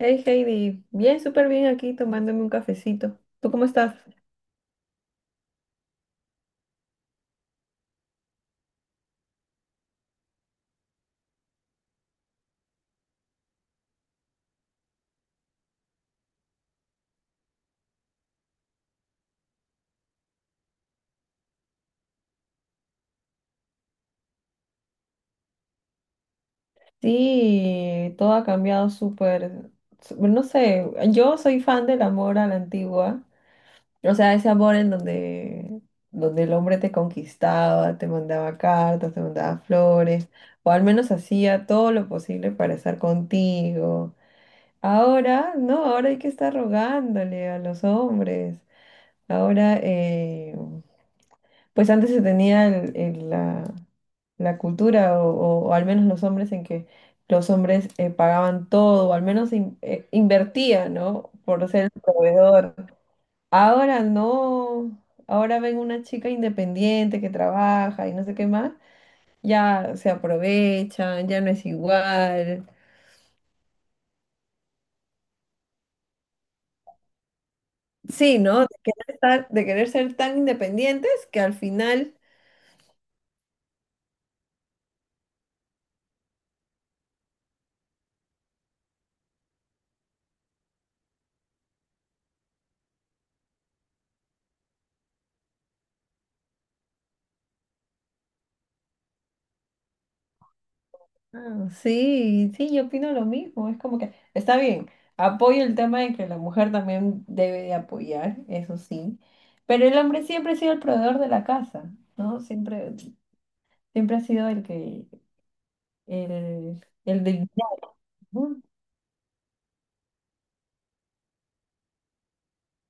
Hey Heidi, bien, súper bien aquí tomándome un cafecito. ¿Tú cómo estás? Sí, todo ha cambiado súper, no sé, yo soy fan del amor a la antigua, o sea, ese amor en donde, donde el hombre te conquistaba, te mandaba cartas, te mandaba flores, o al menos hacía todo lo posible para estar contigo. Ahora no, ahora hay que estar rogándole a los hombres. Ahora, eh, pues antes se tenía la, la cultura, o, o al menos los hombres, en que los hombres pagaban todo, o al menos invertían, ¿no? Por ser el proveedor. Ahora no, ahora ven una chica independiente que trabaja y no sé qué más, ya se aprovechan, ya no es igual. Sí, ¿no? De querer estar, de querer ser tan independientes que al final... Ah, sí, sí, yo opino lo mismo. Es como que está bien, apoyo el tema de que la mujer también debe de apoyar, eso sí, pero el hombre siempre ha sido el proveedor de la casa, ¿no? Siempre, siempre ha sido el que, el de... ¿no?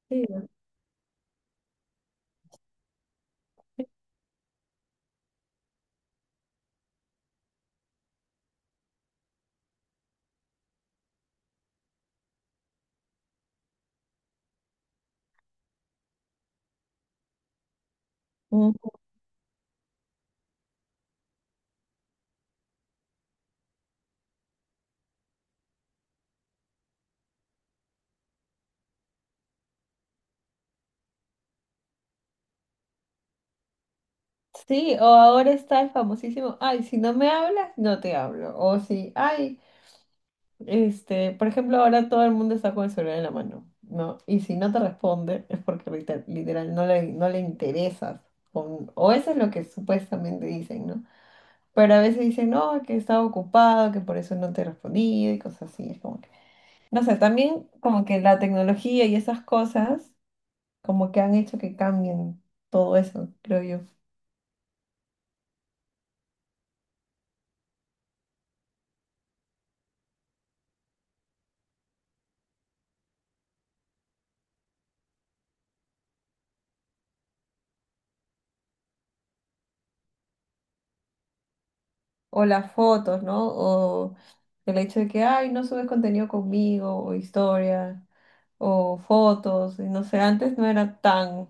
Sí, ujú. Sí, o ahora está el famosísimo, ay, si no me hablas, no te hablo. O si, ay, este, por ejemplo, ahora todo el mundo está con el celular en la mano, ¿no? Y si no te responde es porque literal no le, no le interesas. O eso es lo que supuestamente dicen, ¿no? Pero a veces dicen, no, que estaba ocupado, que por eso no te respondí y cosas así. Es como que, no sé, también como que la tecnología y esas cosas como que han hecho que cambien todo eso, creo yo. O las fotos, ¿no? O el hecho de que, ay, no subes contenido conmigo, o historia, o fotos, y no sé, antes no era tan,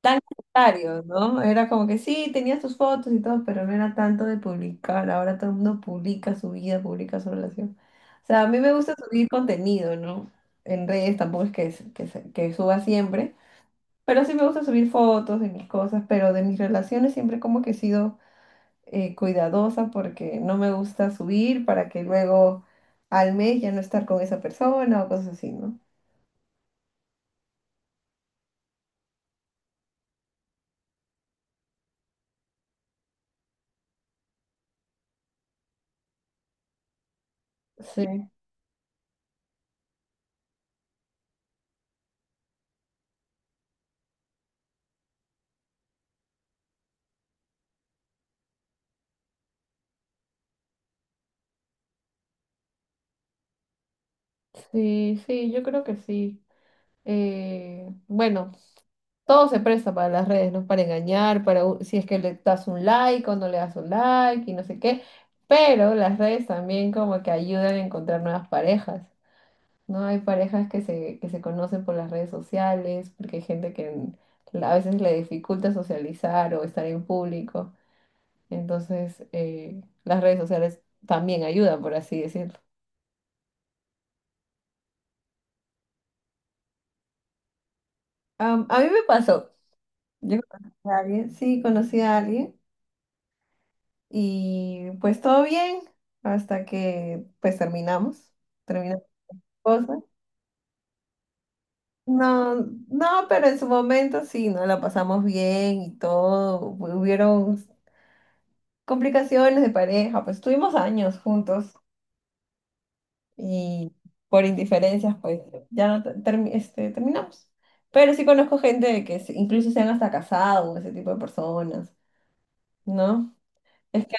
tan necesario, ¿no? Era como que sí, tenías tus fotos y todo, pero no era tanto de publicar, ahora todo el mundo publica su vida, publica su relación. O sea, a mí me gusta subir contenido, ¿no? En redes tampoco es que, que suba siempre, pero sí me gusta subir fotos de mis cosas, pero de mis relaciones siempre como que he sido cuidadosa porque no me gusta subir para que luego al mes ya no estar con esa persona o cosas así, ¿no? Sí, sí, sí, yo creo que sí. Bueno, todo se presta para las redes, ¿no? Para engañar, para si es que le das un like o no le das un like y no sé qué. Pero las redes también como que ayudan a encontrar nuevas parejas, ¿no? Hay parejas que se conocen por las redes sociales, porque hay gente que a veces le dificulta socializar o estar en público. Entonces, las redes sociales también ayudan, por así decirlo. Am, a mí me pasó. Yo conocí a alguien, sí, conocí a alguien y pues todo bien hasta que pues terminamos, terminamos cosas. No, no, pero en su momento sí, no la pasamos bien y todo. Hubieron complicaciones de pareja, pues estuvimos años juntos. Y por indiferencias, pues ya no te- termi- este, terminamos. Pero sí conozco gente de que incluso se han hasta casado, ese tipo de personas, ¿no? Es que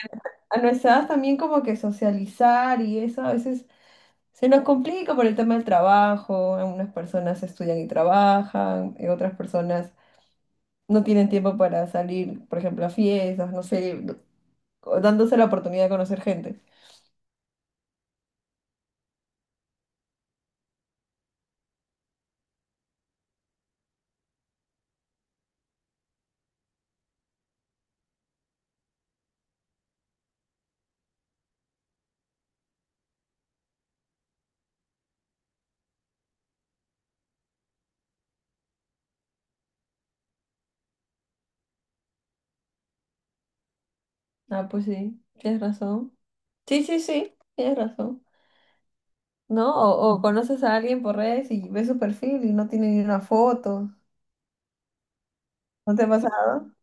a nuestra edad también como que socializar y eso a veces se nos complica por el tema del trabajo, algunas personas estudian y trabajan, y otras personas no tienen tiempo para salir, por ejemplo, a fiestas, no sé, o dándose la oportunidad de conocer gente. Ah, pues sí, tienes razón. Sí, sí, sí, tienes razón. ¿No? O conoces a alguien por redes y ves su perfil y no tiene ni una foto. ¿No te ha pasado?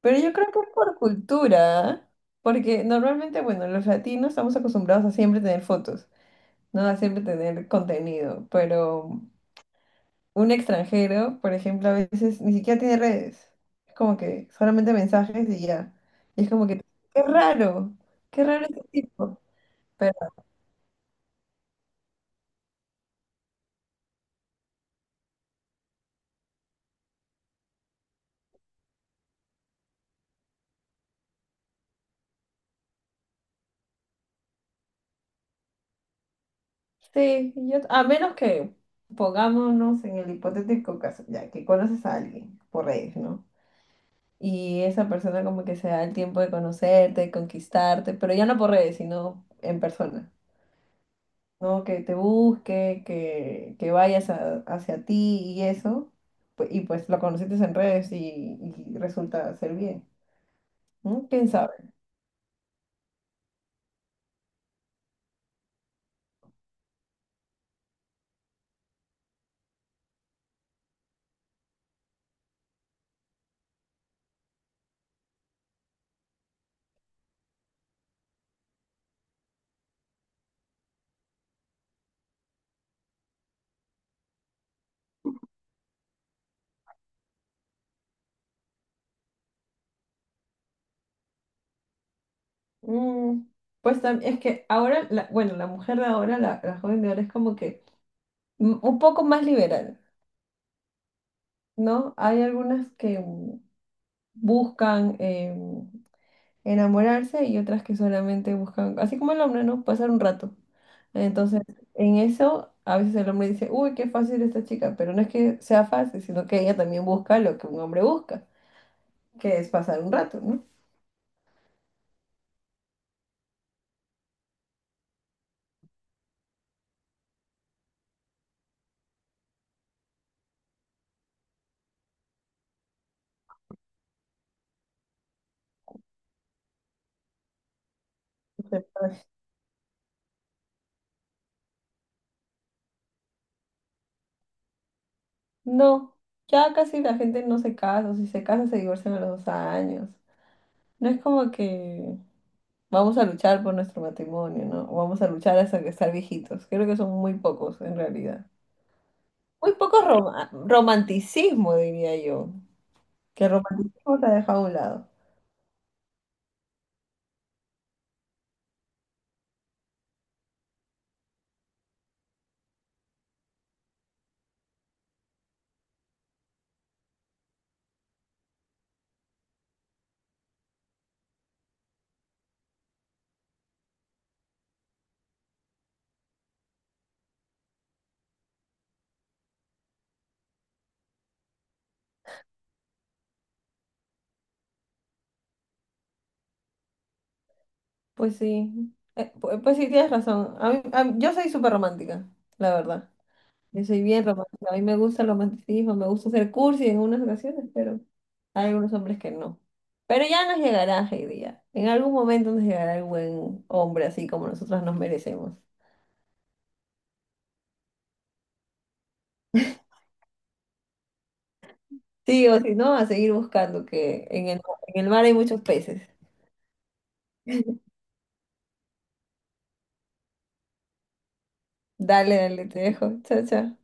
Pero yo creo que es por cultura, ¿ah? Porque normalmente, bueno, los latinos estamos acostumbrados a siempre tener fotos, ¿no? A siempre tener contenido, pero un extranjero, por ejemplo, a veces ni siquiera tiene redes. Es como que solamente mensajes y ya. Y es como que, qué raro, qué raro este tipo. Sí, yo, a menos que pongámonos en el hipotético caso, ya que conoces a alguien por redes, ¿no? Y esa persona como que se da el tiempo de conocerte, conquistarte, pero ya no por redes, sino en persona, ¿no? Que te busque, que, hacia ti y eso, y pues lo conociste en redes y resulta ser bien, ¿no? ¿Quién sabe? Mm, pues es que ahora, bueno, la mujer de ahora, la joven de ahora es como que mm, un poco más liberal. ¿No? Hay algunas que mm, buscan enamorarse y otras que solamente buscan, así como el hombre, ¿no? Pasar un rato. Entonces, en eso, a veces el hombre dice, uy, qué fácil esta chica, pero no es que sea fácil, sino que ella también busca lo que un hombre busca, que es pasar un rato, ¿no? Entonces, pues, no, ya casi la gente no se casa, o si se casa se divorcian a los 2 años. No es como que vamos a luchar por nuestro matrimonio, ¿no? Vamos a luchar hasta que estar viejitos. Creo que son muy pocos, en realidad. Muy poco romanticismo, diría yo. Que el romanticismo se ha dejado a un lado. Pues sí, pues, sí, tienes razón. Yo soy súper romántica, la verdad. Yo soy bien romántica. A mí me gusta el romanticismo, me gusta ser cursi en algunas ocasiones, pero hay algunos hombres que no. Pero ya nos llegará, Heidi, ya. En algún momento nos llegará el buen hombre así como nosotras nos merecemos. Sí, o si no, a seguir buscando, que en el mar hay muchos peces. Dale, dale, te dejo. Chao, chao.